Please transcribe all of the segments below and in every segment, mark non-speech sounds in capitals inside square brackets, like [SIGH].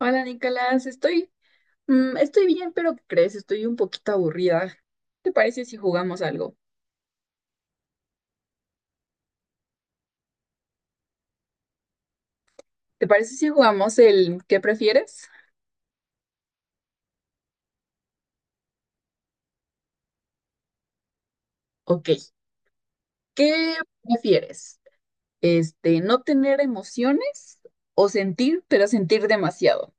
Hola Nicolás, estoy bien, pero ¿qué crees? Estoy un poquito aburrida. ¿Te parece si jugamos algo? ¿Te parece si jugamos el ¿qué prefieres? Ok, ¿qué prefieres? ¿No tener emociones o sentir, pero sentir demasiado?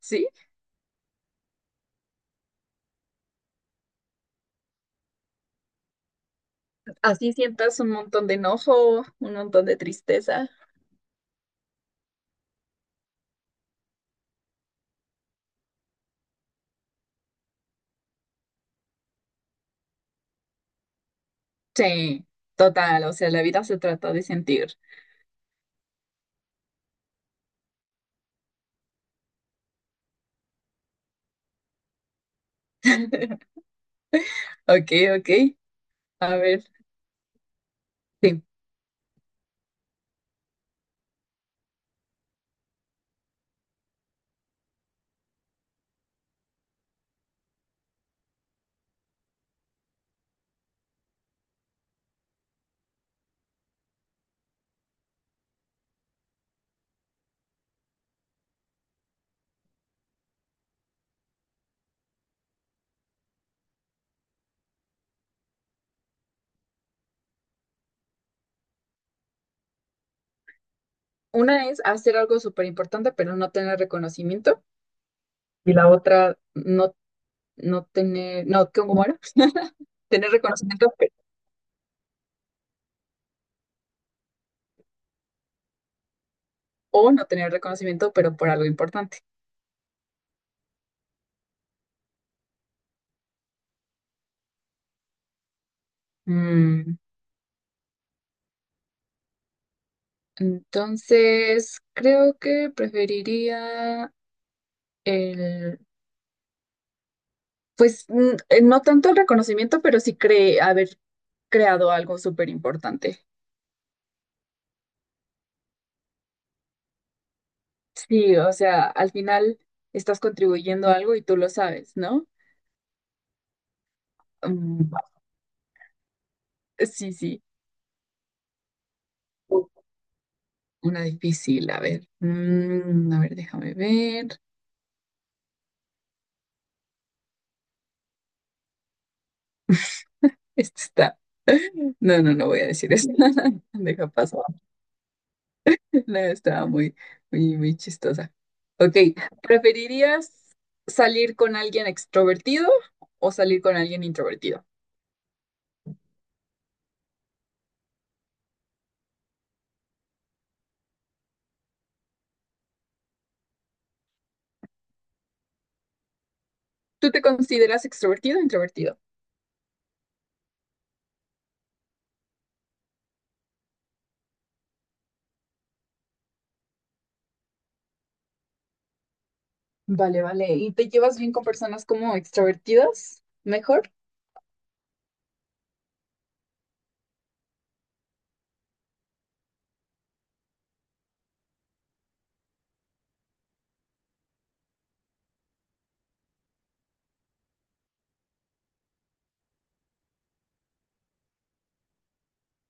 ¿Sí? Así sientas un montón de enojo, un montón de tristeza. Sí, total, o sea, la vida se trata de sentir. [LAUGHS] Ok, ok. A ver, sí. Una es hacer algo súper importante, pero no tener reconocimiento. Y la otra no, no tener, no, ¿cómo era? [LAUGHS] Tener reconocimiento o no tener reconocimiento, pero por algo importante. Mm, entonces, creo que preferiría el, pues no tanto el reconocimiento, pero sí cre haber creado algo súper importante. Sí, o sea, al final estás contribuyendo a algo y tú lo sabes, ¿no? Mm, sí, sí. Una difícil, a ver. A ver, déjame ver. [LAUGHS] Este está. No, no, no voy a decir eso. [LAUGHS] Deja paso. No, estaba muy, muy, muy chistosa. Ok, ¿preferirías salir con alguien extrovertido o salir con alguien introvertido? ¿Tú te consideras extrovertido o introvertido? Vale, vale. ¿Y te llevas bien con personas como extrovertidas? ¿Mejor?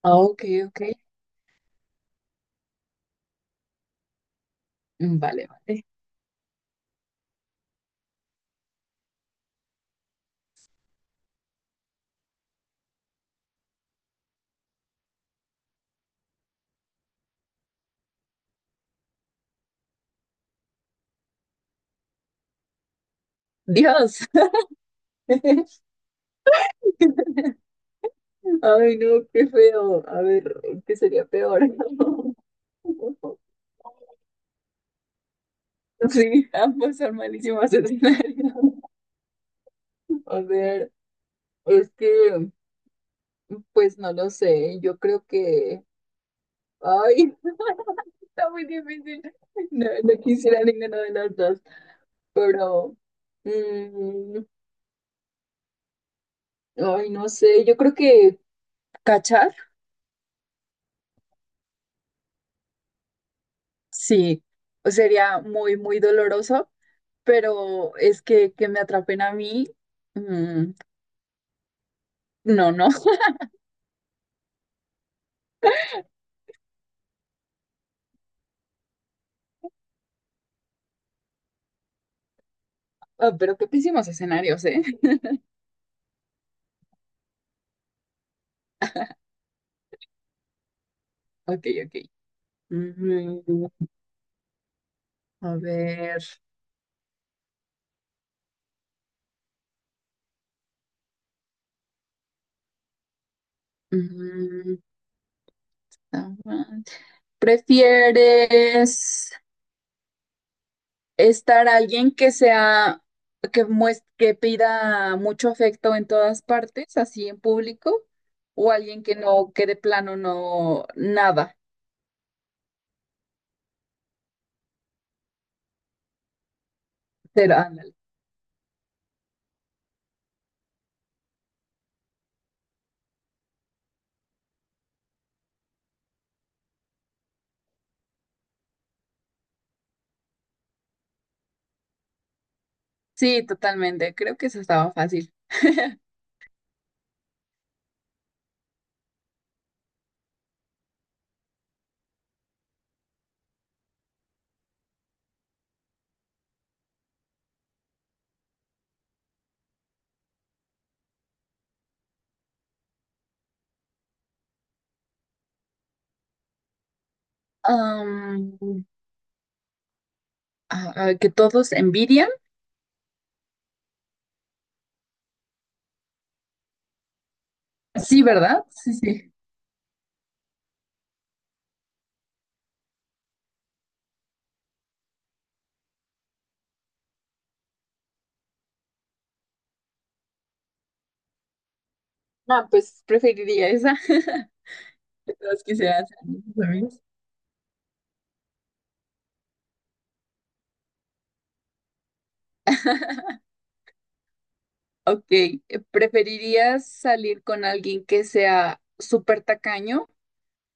Ah, ok, ok. Mm, vale, vale. Dios. [LAUGHS] Ay, no, qué feo. A ver, ¿qué sería peor? [LAUGHS] [LAUGHS] Sí, ambos son malísimos escenarios. [LAUGHS] A ver, es que, pues no lo sé, yo creo que, ay, [LAUGHS] está muy difícil. No, no quisiera ninguno de los dos, pero, mm, ay, no sé, yo creo que cachar, sí, sería muy, muy doloroso, pero es que me atrapen a mí, mm, no, no. [LAUGHS] Ah, pero qué pésimos escenarios, ¿eh? [LAUGHS] Ok, ok. Mm, a ver. Mm, Está mal. ¿Prefieres estar alguien que sea, que pida mucho afecto en todas partes, así en público, o alguien que no, que de plano no, nada? Pero, ándale. Sí, totalmente. Creo que eso estaba fácil. [LAUGHS] Am, a que todos envidian. Sí, ¿verdad? Sí, sí. No, pues preferiría esa. [LAUGHS] Que todos quisieran ser mis amigos. [LAUGHS] Ok, ¿preferirías salir con alguien que sea súper tacaño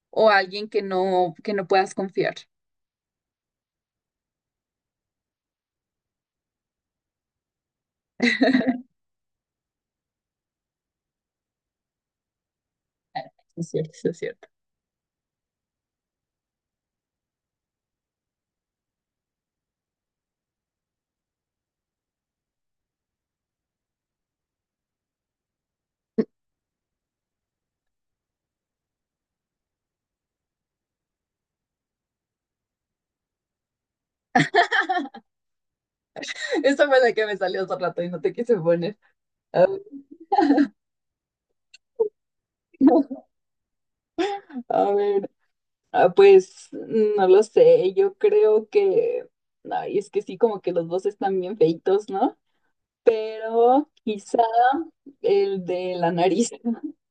o alguien que no puedas confiar? [LAUGHS] Es cierto, sí es cierto. Esta fue la que me salió hace rato y no te quise poner. A ver, [LAUGHS] a ver, ah, pues no lo sé, yo creo que, ay, es que sí, como que los dos están bien feitos, ¿no? Pero quizá el de la nariz. [LAUGHS]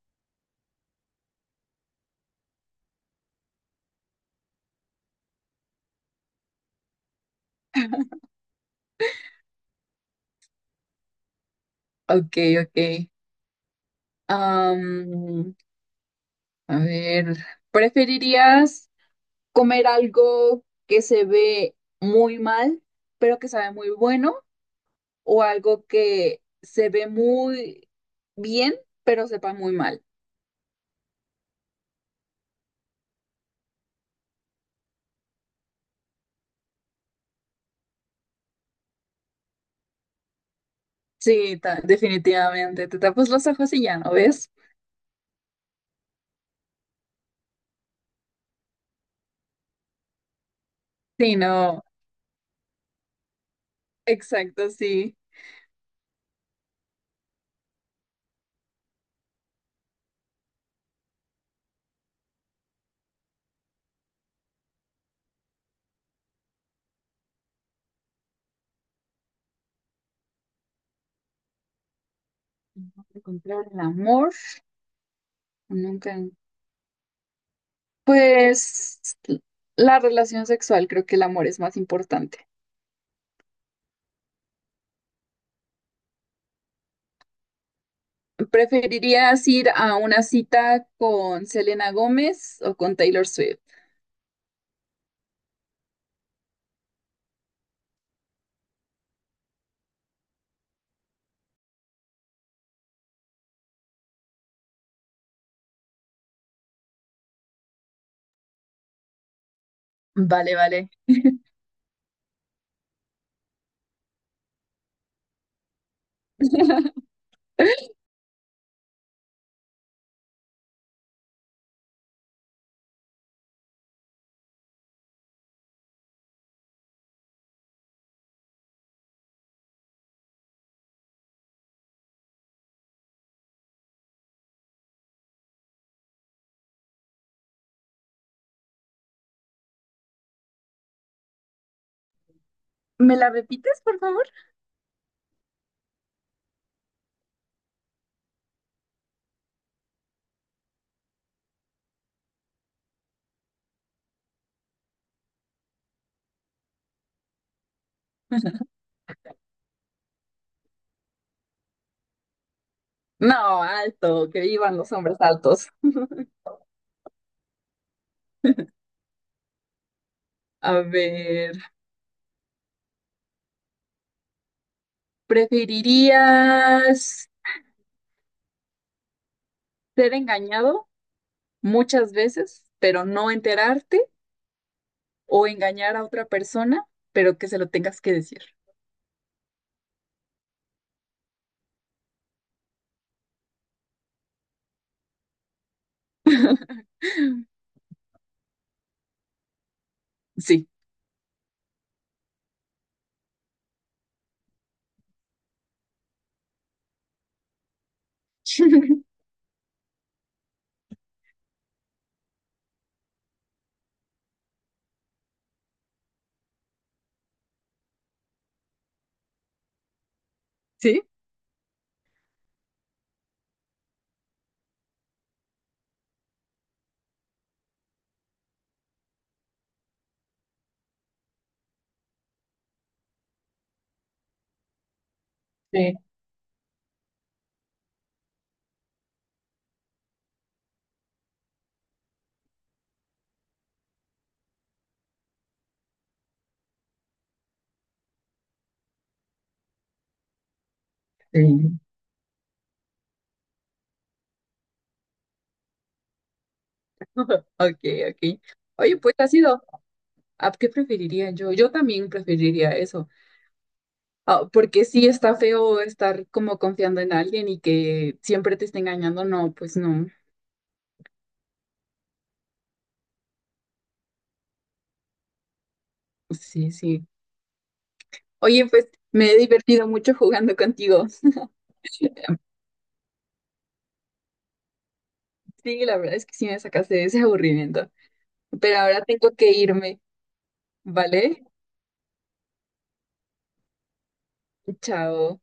Ok, ok. Am, a ver, ¿preferirías comer algo que se ve muy mal, pero que sabe muy bueno, o algo que se ve muy bien, pero sepa muy mal? Sí, definitivamente. Te tapas los ojos y ya no ves. Sí, no, exacto, sí. Encontrar el amor, nunca. Pues la relación sexual, creo que el amor es más importante. ¿Preferirías ir a una cita con Selena Gómez o con Taylor Swift? Vale, vale. ¿Me la repites, por favor? No, alto, que vivan los hombres altos. A ver, ¿preferirías ser engañado muchas veces, pero no enterarte, o engañar a otra persona, pero que se lo tengas que decir? [LAUGHS] Sí. Sí. Sí. Sí. [LAUGHS] Ok, ok. Oye, pues ha sido. ¿A qué preferiría yo? Yo también preferiría eso. Ah, porque sí está feo estar como confiando en alguien y que siempre te esté engañando. No, pues no. Pues sí, sí. Oye, pues me he divertido mucho jugando contigo. [LAUGHS] Sí, la verdad es que sí me sacaste de ese aburrimiento. Pero ahora tengo que irme, ¿vale? Chao.